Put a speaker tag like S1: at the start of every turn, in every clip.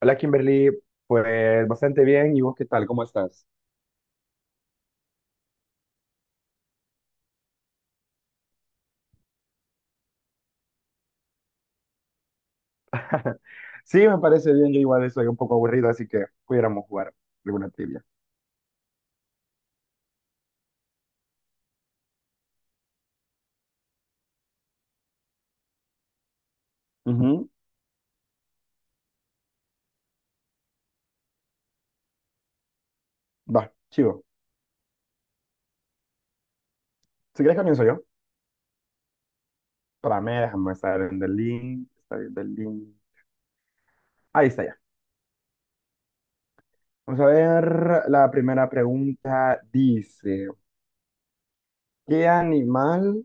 S1: Hola Kimberly, pues bastante bien. ¿Y vos qué tal? ¿Cómo estás? Sí, me parece bien. Yo igual soy un poco aburrido, así que pudiéramos jugar alguna trivia. Ujú. Va, chivo. Si querés, comienzo yo. Para mí, déjame estar en el link. Está bien, el link. Ahí está ya. Vamos a ver la primera pregunta. Dice, ¿qué animal,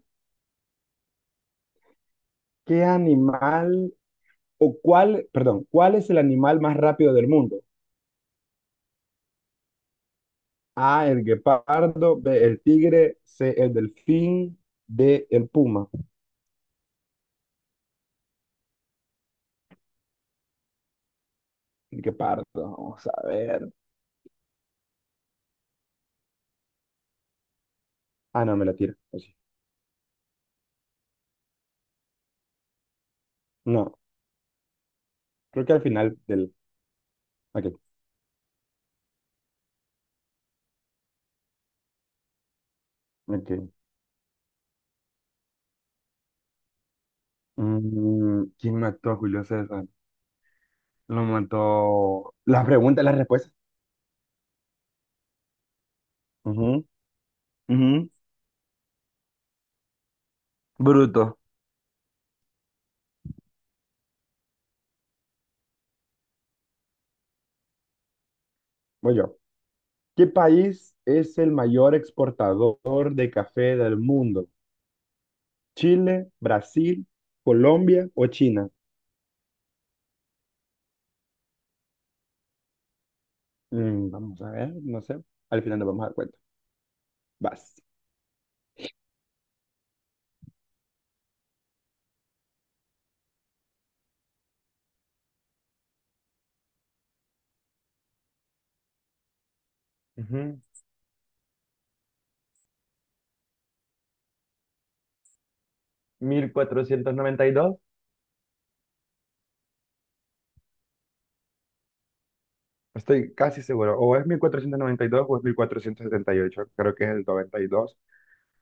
S1: qué animal, o cuál, perdón, cuál es el animal más rápido del mundo? A, el guepardo; B, el tigre; C, el delfín; D, el puma. Qué parto, vamos a ver. Ah, no, me la tiro. O sí. No, creo que al final del. Ok, ok. ¿Quién mató a Julio César? Lo mató. Las preguntas, las respuestas. Ujú, ujú. Bruto. Voy yo. ¿Qué país es el mayor exportador de café del mundo? ¿Chile, Brasil, Colombia o China? Vamos a ver, no sé. Al final nos vamos a dar cuenta. Vas. Ujú. 1492. Estoy casi seguro, o es 1492 o es 1478. Creo que es el 92,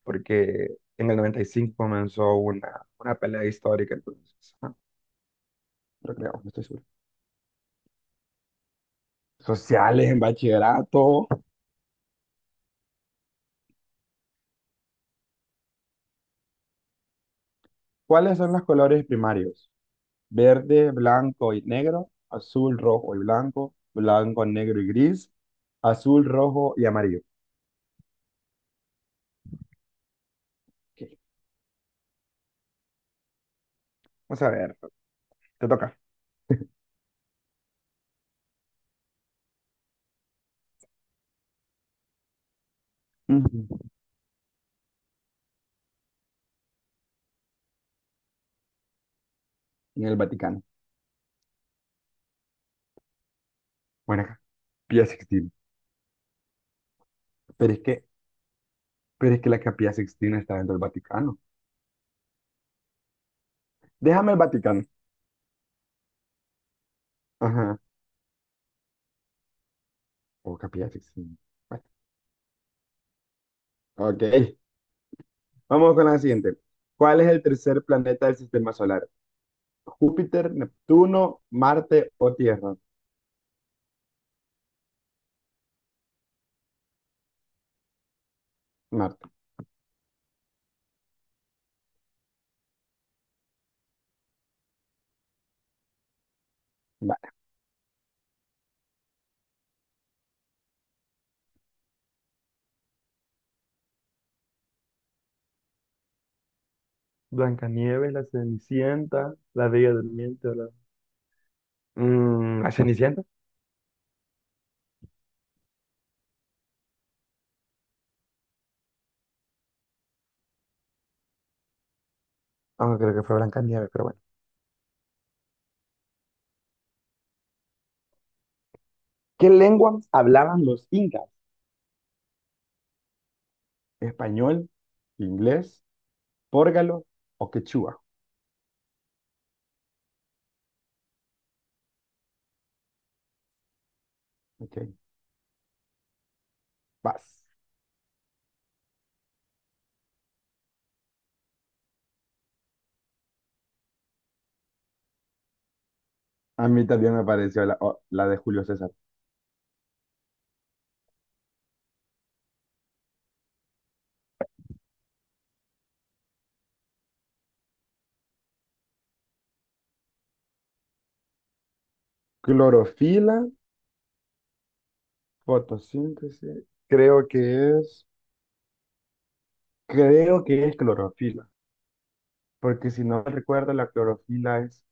S1: porque en el 95 comenzó una pelea histórica, entonces, lo creo, no estoy seguro. Sociales en bachillerato. ¿Cuáles son los colores primarios? Verde, blanco y negro; azul, rojo y blanco; blanco, negro y gris; azul, rojo y amarillo. Ok. Vamos a ver, te toca. Ujú. En el Vaticano. Bueno, acá, Pía Sixtina. Pero es que Pero es que la Capilla Sixtina está dentro del Vaticano. Déjame el Vaticano. Ajá. O Capilla Sixtina. Bueno, ok. Vamos con la siguiente. ¿Cuál es el tercer planeta del sistema solar? ¿Júpiter, Neptuno, Marte o Tierra? Marte. Vale. Blancanieves, la Cenicienta, la Bella Durmiente, o la... ¿la Cenicienta? Ah, creo que fue Blancanieves, pero bueno. ¿Qué lengua hablaban los incas? ¿Español, inglés, pórgalo o quechua? Ok. Vas. A mí también me pareció la, la de Julio César. Clorofila, fotosíntesis, es, creo que es clorofila, porque si no recuerdo, la clorofila es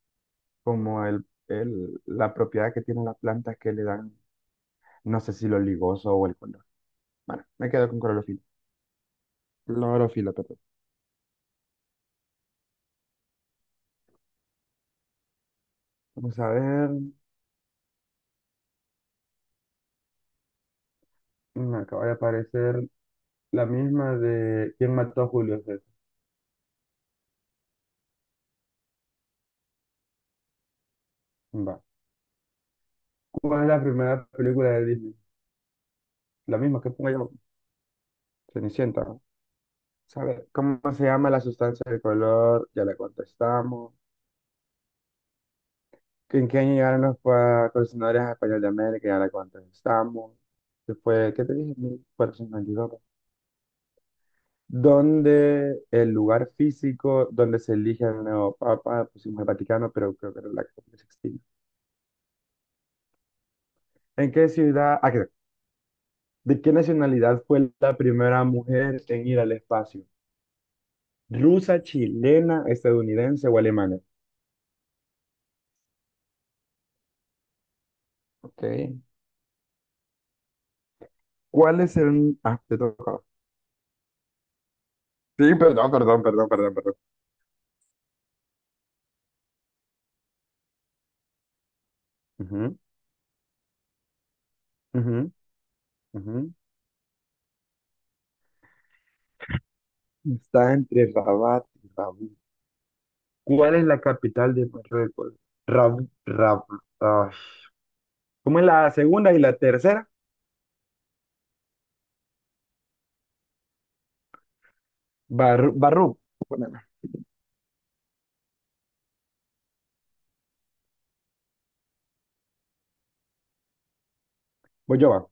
S1: como la propiedad que tienen las plantas que le dan, no sé si lo ligoso o el color. Bueno, me quedo con clorofila. Clorofila, perdón. Vamos a ver, me acaba de aparecer la misma de ¿quién mató a Julio César? Va. ¿Cuál es la primera película de Disney? La misma que pongo yo, Cenicienta, ¿no? ¿Sabe cómo se llama la sustancia del color? Ya le contestamos. ¿En qué año llegaron los colonizadores españoles de América? Ya le contestamos. Después, ¿qué te dije? 1492. ¿Dónde el lugar físico donde se elige al nuevo papa? Pusimos el Vaticano, pero creo que era la Capilla Sixtina. ¿En qué ciudad? Ah, creo. ¿De qué nacionalidad fue la primera mujer en ir al espacio? ¿Rusa, chilena, estadounidense o alemana? Ok. ¿Cuál es el...? Ah, te toca. Sí, perdón. Ujú, ujú, ujú. Está entre Rabat y Rabat. ¿Cuál es la capital de Marruecos? Rab, Rab- ah, ¿Cómo es la segunda y la tercera? Bar, Barrub. Bueno, voy yo. Va.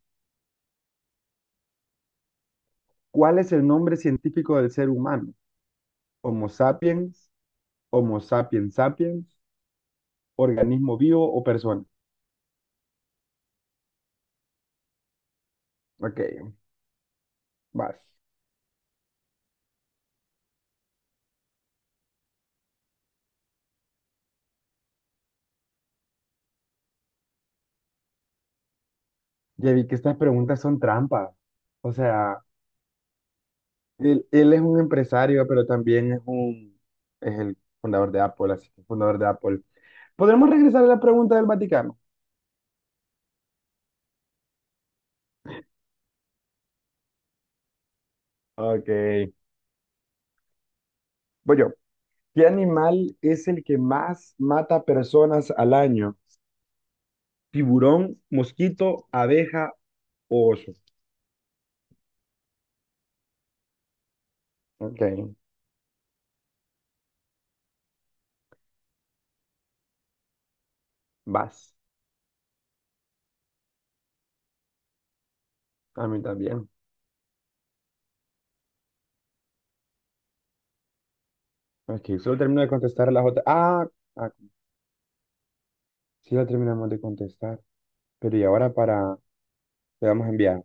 S1: ¿Cuál es el nombre científico del ser humano? ¿Homo sapiens? ¿Homo sapiens sapiens? ¿Organismo vivo o persona? Ok, vas. Ya vi que estas preguntas son trampas. O sea, él es un empresario, pero también es el fundador de Apple, así que fundador de Apple. ¿Podremos regresar a la pregunta del Vaticano? Ok. Voy yo. ¿Qué animal es el que más mata personas al año? ¿Tiburón, mosquito, abeja o oso? Ok, vas. A mí también. Ok, solo termino de contestar las otras. Ah, sí la terminamos de contestar. Pero y ahora le damos a enviar.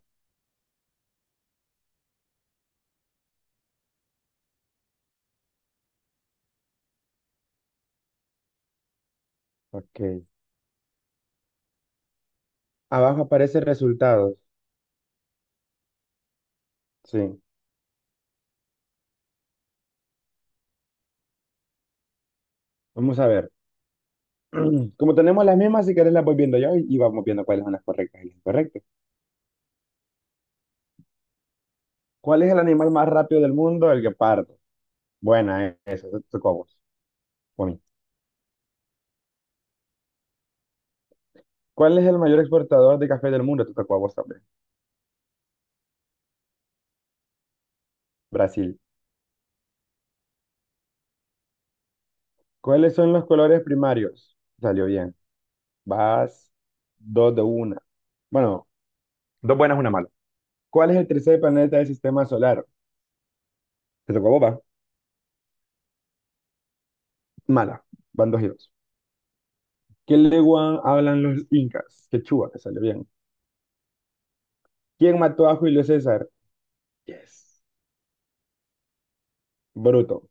S1: Ok. Abajo aparece resultados. Sí. Vamos a ver. Como tenemos las mismas, si querés las voy viendo yo y vamos viendo cuáles son las correctas y las incorrectas. ¿Cuál es el animal más rápido del mundo? El guepardo. Buena, eso, te tocó a vos. O a mí. ¿Cuál es el mayor exportador de café del mundo? Te tocó a vos también. Brasil. ¿Cuáles son los colores primarios? Salió bien. Vas dos de una. Bueno, dos buenas, una mala. ¿Cuál es el tercer planeta del sistema solar? Te tocó a vos, va. Mala. Van dos y dos. ¿Qué lengua hablan los incas? Quechua, te salió bien. ¿Quién mató a Julio César? Yes. Bruto.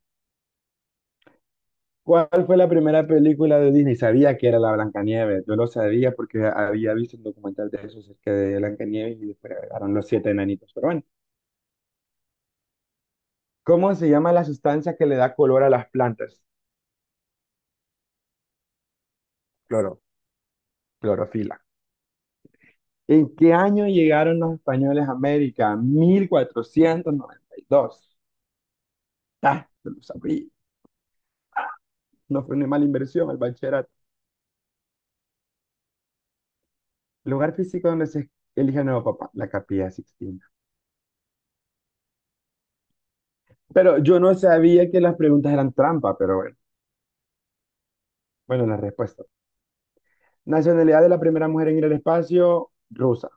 S1: ¿Cuál fue la primera película de Disney? Sabía que era la Blancanieves. Yo lo sabía porque había visto un documental de eso acerca de Blancanieves y después agregaron los siete enanitos. Pero bueno, ¿cómo se llama la sustancia que le da color a las plantas? Cloro, clorofila. ¿En qué año llegaron los españoles a América? 1492. Ah, yo lo sabía. No fue una mala inversión el bachillerato. Lugar físico donde se elige a nuevo papá, la Capilla Sixtina. Pero yo no sabía que las preguntas eran trampa, pero bueno. Bueno, la respuesta. Nacionalidad de la primera mujer en ir al espacio, rusa.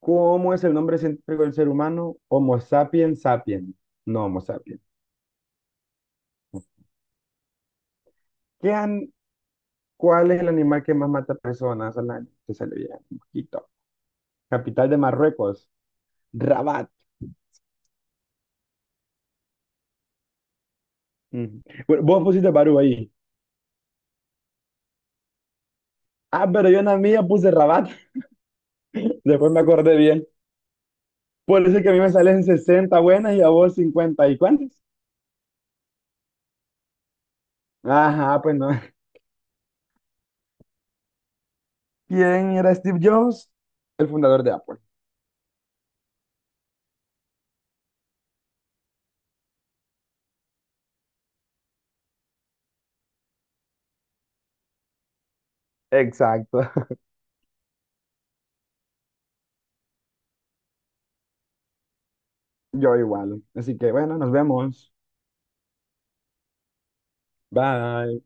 S1: ¿Cómo es el nombre científico del ser humano? Homo sapiens sapiens. No Homo sapiens. ¿Qué an- ¿Cuál es el animal que más mata personas al año? Te sale bien, mosquito. Capital de Marruecos, Rabat. Ujú. Bueno, vos pusiste Barú ahí. Ah, pero yo en la mía puse Rabat. Después me acordé bien. Por eso es que a mí me salen 60 buenas y a vos 50. ¿Y cuántas? Ajá, pues no. ¿Quién era Steve Jobs? El fundador de Apple. Exacto, yo igual. Así que bueno, nos vemos. Bye.